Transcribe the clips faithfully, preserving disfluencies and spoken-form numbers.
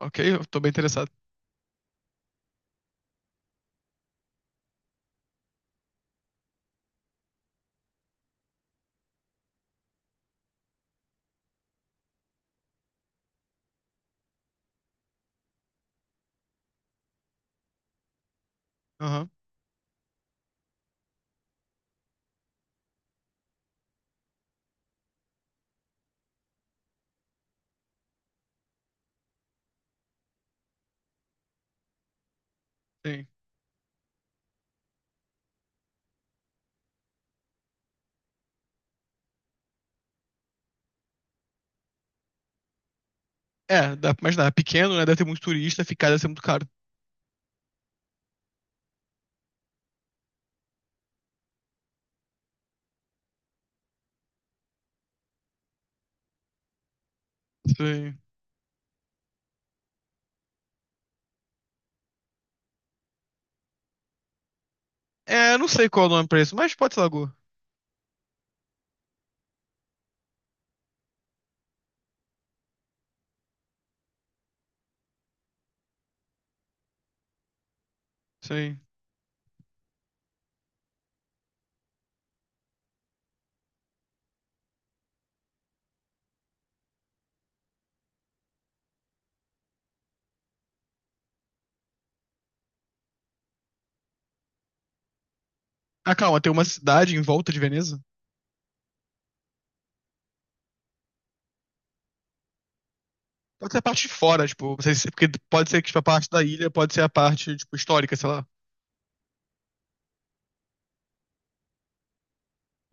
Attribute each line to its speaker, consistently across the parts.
Speaker 1: Ok, eu tô bem interessado. Aham, sim. É, dá pra imaginar. É pequeno, né? Deve ter muito turista, ficar deve ser muito caro. Sim. É, não sei qual é o nome pra isso, mas pode ser lagoa. Sim. Ah, calma, tem uma cidade em volta de Veneza? Pode ser a parte de fora, tipo, não sei se- porque pode ser tipo, a parte da ilha, pode ser a parte, tipo, histórica, sei lá.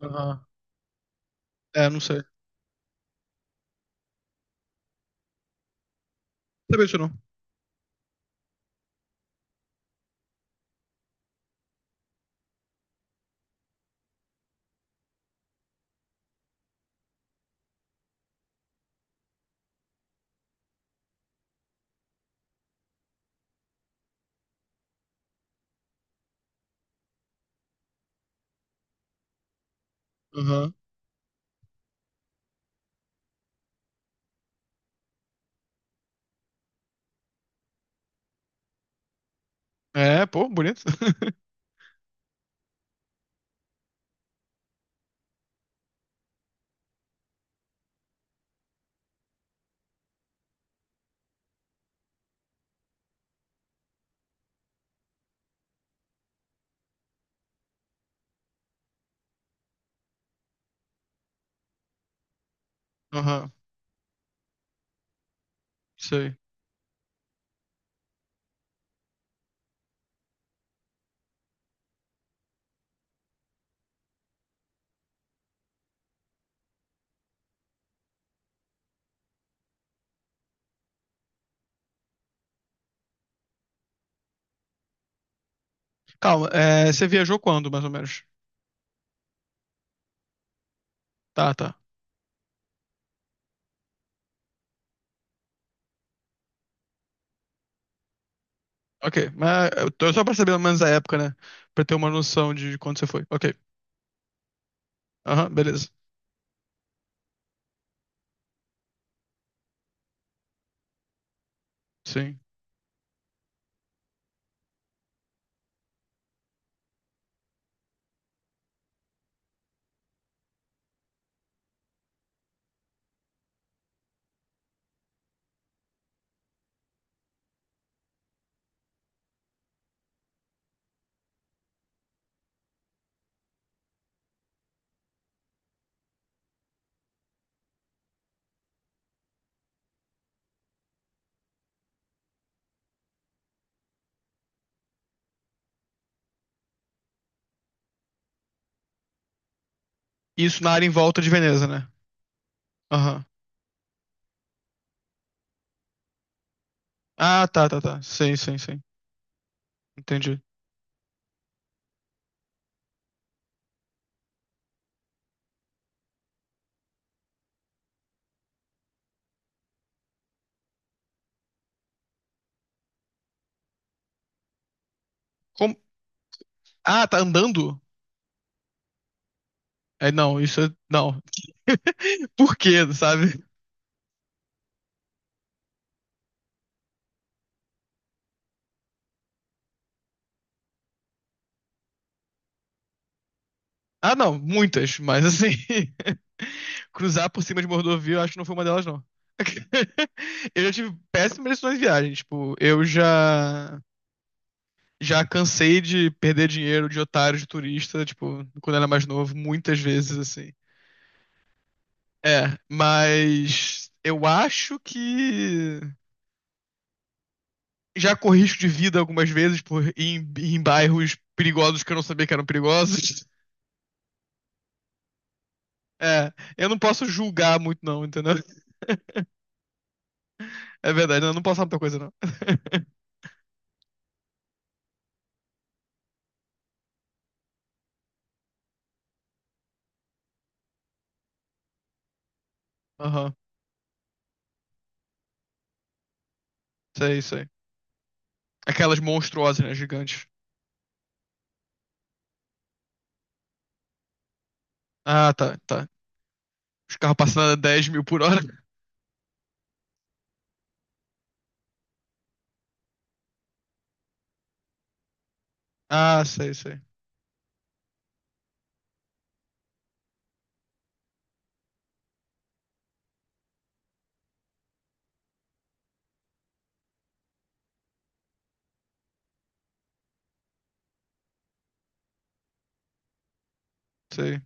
Speaker 1: Aham. É, não sei. Não sabia disso não. Aham. É, pô, bonito. Aham, sei. Calma, é, você viajou quando, mais ou menos? Tá, tá. Ok, mas eu tô só pra saber mais ou menos a época, né? Pra ter uma noção de quando você foi. Ok. Aham, beleza. Sim. Isso na área em volta de Veneza, né? Aham. Ah, tá, tá, tá. Sim, sim, sim. Entendi. Como- Ah, tá andando? É, não, isso é... Não. Por quê, sabe? Ah, não, muitas, mas assim... Cruzar por cima de uma rodovia, eu acho que não foi uma delas, não. Eu já tive péssimas decisões de viagem. Tipo, eu já... Já cansei de perder dinheiro de otário, de turista, tipo, quando era mais novo, muitas vezes, assim. É, mas eu acho que já corri risco de vida algumas vezes por ir em, ir em bairros perigosos que eu não sabia que eram perigosos. É, eu não posso julgar muito não, entendeu? É verdade, eu não posso falar muita coisa não. Aham, sei, sei. Aquelas monstruosas, né, gigantes. Ah, tá, tá. Os carros passando a dez mil por hora. Ah, sei, sei, sei.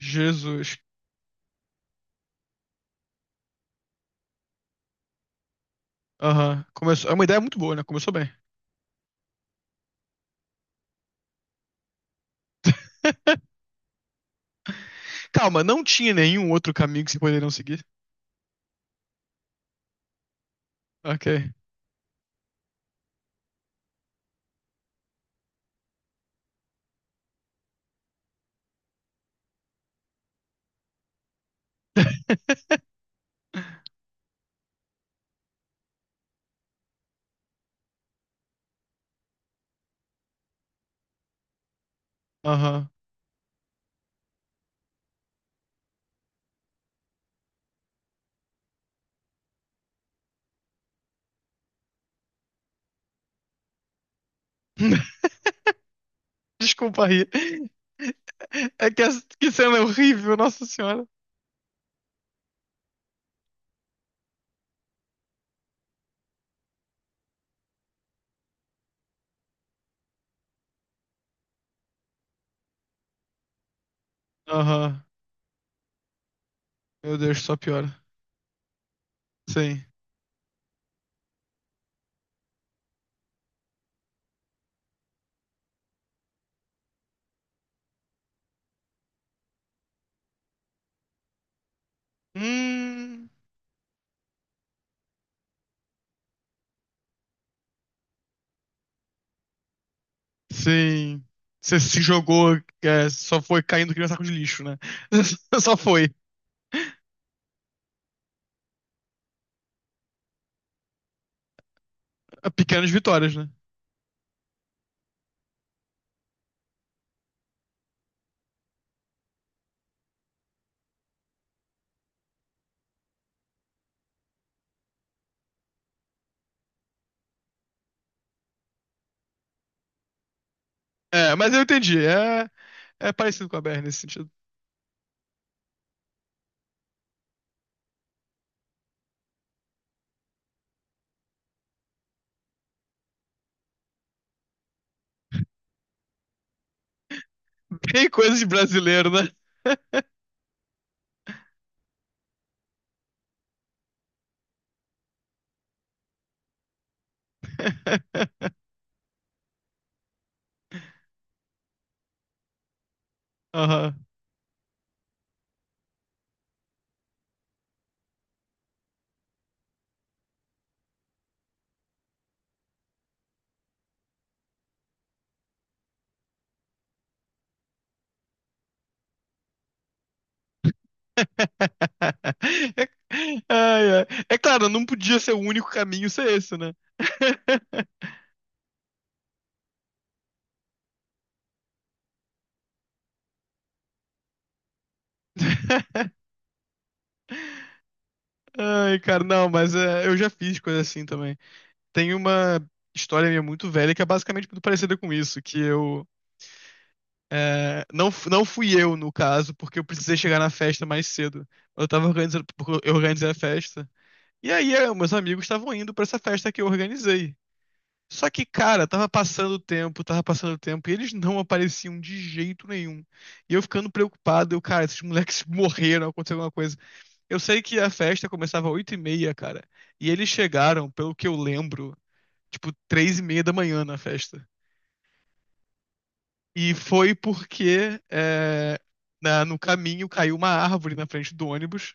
Speaker 1: Jesus. Aham, começou. É uma ideia muito boa, né? Começou bem. Calma, não tinha nenhum outro caminho que vocês poderiam seguir? Ok. Aham. Desculpa aí. É que, essa- que cena é horrível, Nossa Senhora. Aham. Meu Deus, só piora. Sim. Hum, sim. Você se jogou, é, só foi caindo que nem um saco de lixo, né? Só foi. Pequenas vitórias, né? É, mas eu entendi. É, é parecido com a B R nesse sentido. Bem coisa de brasileiro, né? Aham. Ai, ai. É claro, não podia ser o único caminho ser esse, né? Ai, cara, não, mas é, eu já fiz coisa assim também. Tem uma história minha muito velha que é basicamente muito parecida com isso, que eu é, não f- não fui eu no caso, porque eu precisei chegar na festa mais cedo. Eu tava organizando, porque eu organizei a festa. E aí, é, meus amigos estavam indo pra essa festa que eu organizei. Só que, cara, tava passando o tempo, tava passando o tempo, e eles não apareciam de jeito nenhum. E eu ficando preocupado, eu, cara, esses moleques morreram, aconteceu alguma coisa. Eu sei que a festa começava às oito e meia, cara. E eles chegaram, pelo que eu lembro, tipo, três e meia da manhã na festa. E foi porque é, na- no caminho caiu uma árvore na frente do ônibus.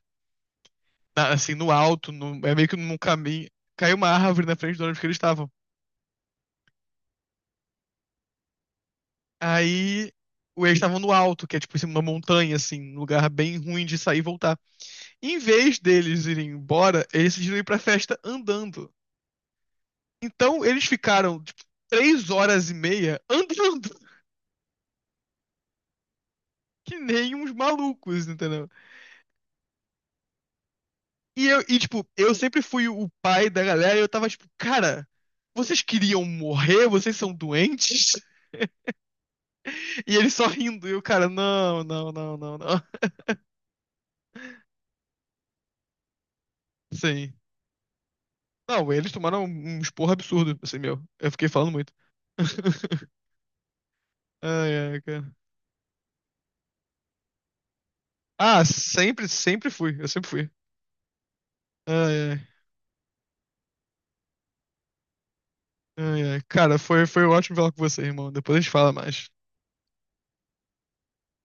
Speaker 1: na- Assim, no alto, no- é meio que num caminho. Caiu uma árvore na frente do ônibus que eles estavam. Aí o- eles estavam no alto, que é tipo em cima de uma montanha, assim, um lugar bem ruim de sair e voltar. Em vez deles irem embora, eles decidiram ir pra festa andando. Então eles ficaram, tipo, três horas e meia andando que nem uns malucos, entendeu? E, eu, e, tipo, eu sempre fui o pai da galera e eu tava tipo, cara, vocês queriam morrer? Vocês são doentes? E eles só rindo. E o cara, não, não, não, não, não. Sim. Não, eles tomaram um um esporro absurdo, assim, meu. Eu fiquei falando muito. Ai, ai, cara. Ah, sempre, sempre fui. Eu sempre fui. Ai, ai. Ai, ai. Cara, foi, foi ótimo falar com você, irmão. Depois a gente fala mais.